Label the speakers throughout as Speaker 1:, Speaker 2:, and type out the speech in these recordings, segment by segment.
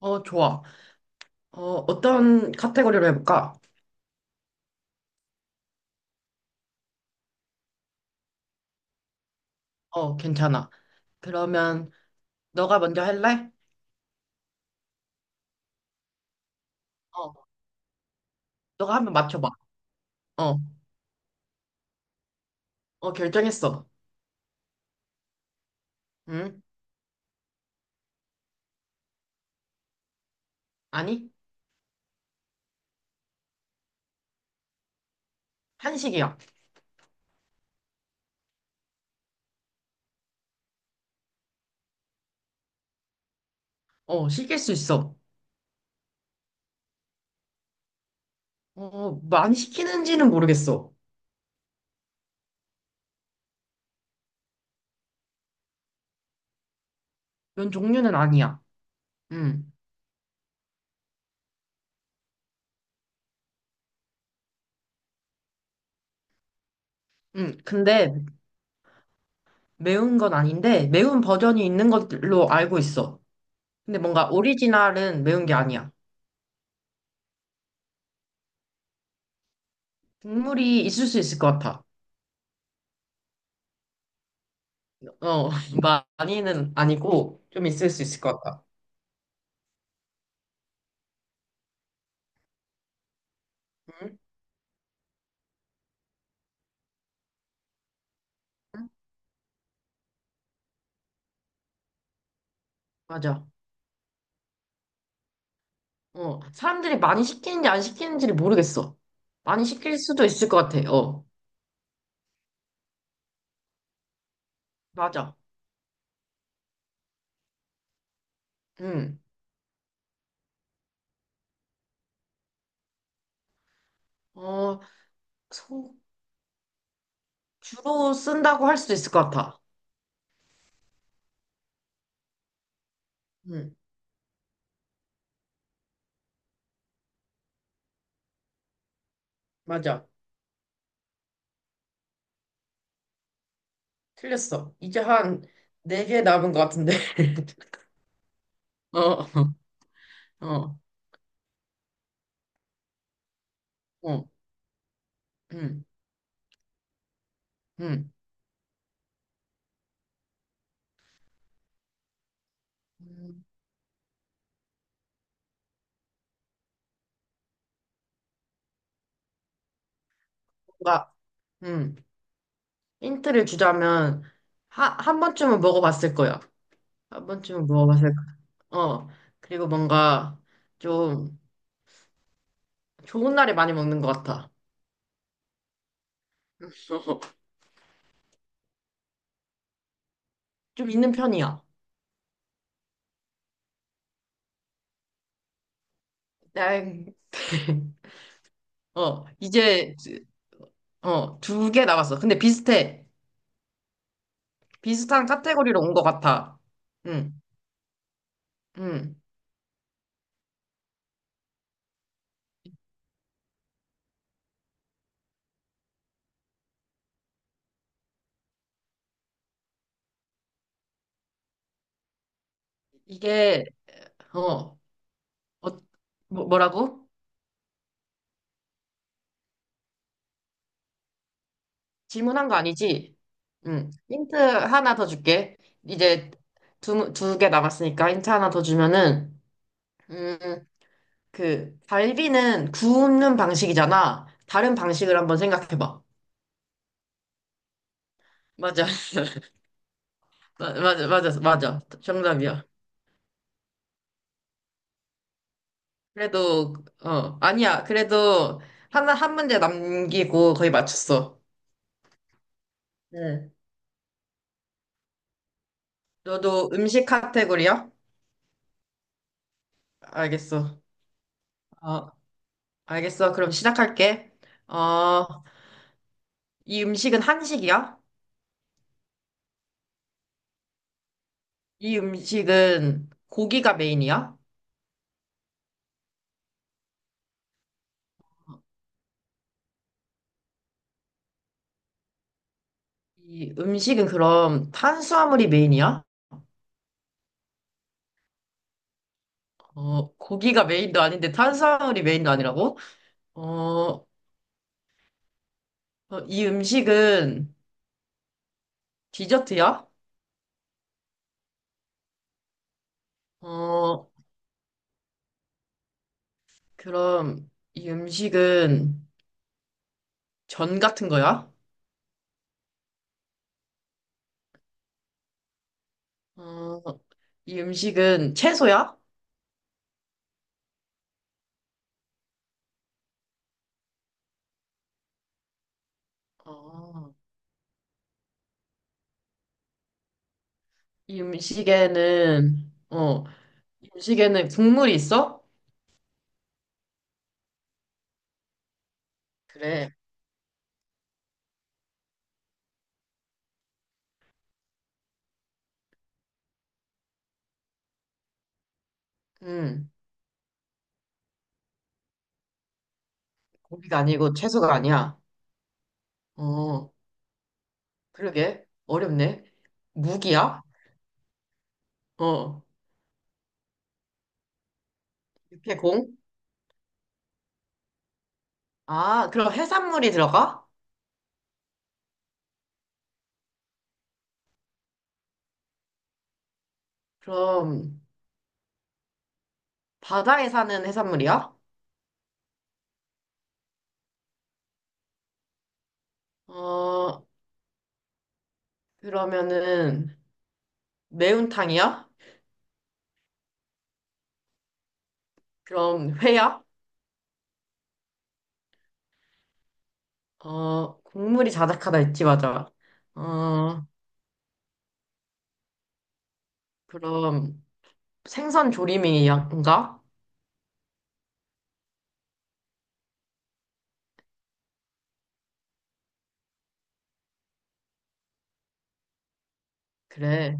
Speaker 1: 어, 좋아. 어, 어떤 카테고리로 해볼까? 어, 괜찮아. 그러면 너가 먼저 할래? 어, 너가 한번 맞춰봐. 어, 어, 결정했어. 응? 아니? 한식이야. 어, 시킬 수 있어. 어, 많이 시키는지는 모르겠어. 이런 종류는 아니야. 응, 응. 근데 매운 건 아닌데, 매운 버전이 있는 걸로 알고 있어. 근데 뭔가 오리지널은 매운 게 아니야. 국물이 있을 수 있을 것 같아. 어, 많이는 아니고 좀 있을 수 있을 것 같다. 응? 응? 맞아. 어, 사람들이 많이 시키는지 안 시키는지를 모르겠어. 많이 시킬 수도 있을 것 같아. 어, 맞아. 응. 어, 소- 주로 쓴다고 할 수도 있을 것 같아. 응, 맞아. 틀렸어. 이제 한 4개 남은 것 같은데. 어, 어, 어, 응, 응. 음, 뭔가, 응. 힌트를 주자면, 한 번쯤은 먹어봤을 거야. 한 번쯤은 먹어봤을 거. 어. 그리고 뭔가 좀 좋은 날에 많이 먹는 것 같아. 좀 있는 편이야. 난, 어, 이제, 어, 2개 남았어. 근데 비슷해. 비슷한 카테고리로 온 것 같아. 응, 응. 이게, 어, 어, 뭐라고? 질문한 거 아니지? 응. 힌트 하나 더 줄게. 이제 두 개 남았으니까 힌트 하나 더 주면은, 음, 그 갈비는 구우는 방식이잖아. 다른 방식을 한번 생각해봐. 맞아. 맞아, 맞아, 맞아. 정답이야. 그래도, 어, 아니야. 그래도 하나, 한 문제 남기고 거의 맞췄어. 네. 너도 음식 카테고리야? 알겠어. 어, 알겠어. 그럼 시작할게. 어, 이 음식은 한식이야? 이 음식은 고기가 메인이야? 이 음식은 그럼 탄수화물이 메인이야? 어, 고기가 메인도 아닌데 탄수화물이 메인도 아니라고? 어, 어, 이 음식은 디저트야? 어, 그럼 이 음식은 전 같은 거야? 어, 이 음식은 채소야? 어, 이 음식에는, 어, 이 음식에는 국물이 있어? 그래. 음, 고기가 아니고 채소가 아니야. 어, 그러게. 어렵네. 무기야? 어, 육해공? 아, 그럼 해산물이 들어가? 그럼 바다에 사는 해산물이야? 어, 그러면은 매운탕이야? 그럼 회야? 어, 국물이 자작하다 했지, 맞아. 어, 그럼 생선 조림이인가? 그래.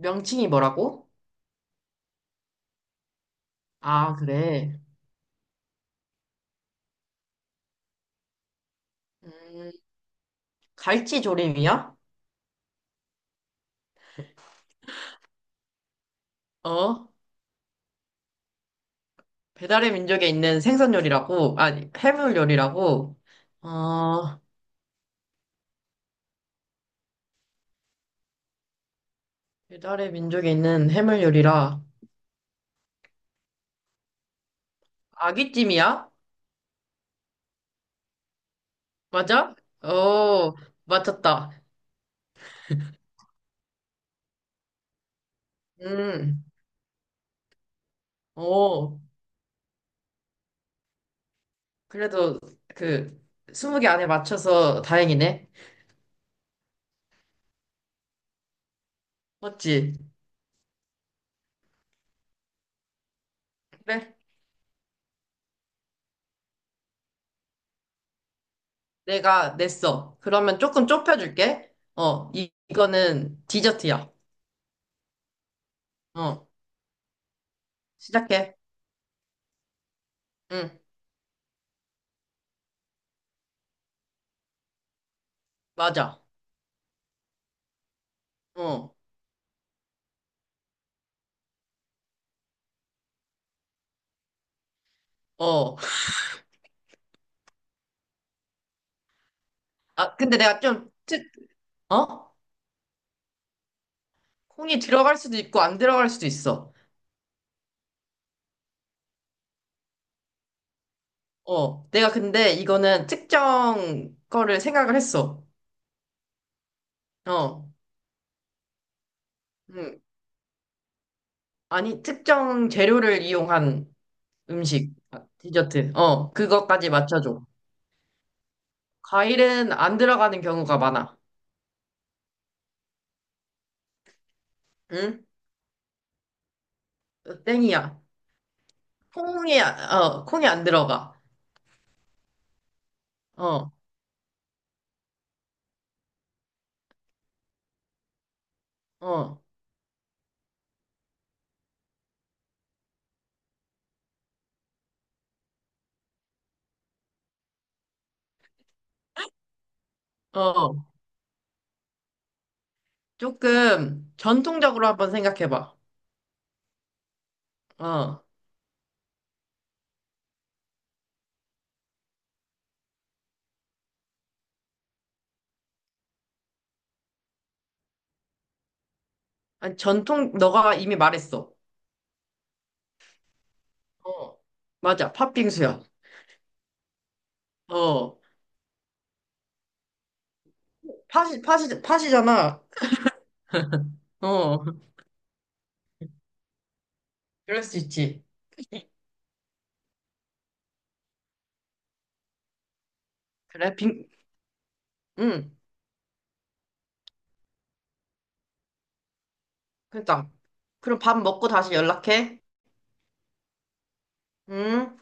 Speaker 1: 명칭이 뭐라고? 아, 그래. 음, 갈치 조림이야? 어, 배달의 민족에 있는 생선 요리라고, 아니, 해물 요리라고, 어, 배달의 민족에 있는 해물 요리라. 아귀찜이야? 맞아? 어, 맞췄다. 음, 어, 그래도 그, 20개 안에 맞춰서 다행이네. 맞지? 그래. 내가 냈어. 그러면 조금 좁혀줄게. 어, 이거는 디저트야. 어, 시작해. 응, 맞아. 어, 어. 아, 근데 내가 좀, 어? 콩이 들어갈 수도 있고 안 들어갈 수도 있어. 어, 내가 근데 이거는 특정 거를 생각을 했어. 어. 음. 아니, 특정 재료를 이용한 음식, 아, 디저트. 어, 그것까지 맞춰줘. 과일은 안 들어가는 경우가 많아. 응? 어, 땡이야. 콩이 안 들어가. 어, 어, 어. 조금 전통적으로 한번 생각해봐. 어. 아니, 전통, 너가 이미 말했어. 어. 맞아, 팥빙수야. 어. 팥이, 팥이, 팥이잖아. 어. 그럴 수 있지. 그래, 응. 그러니까. 그럼 밥 먹고 다시 연락해. 응?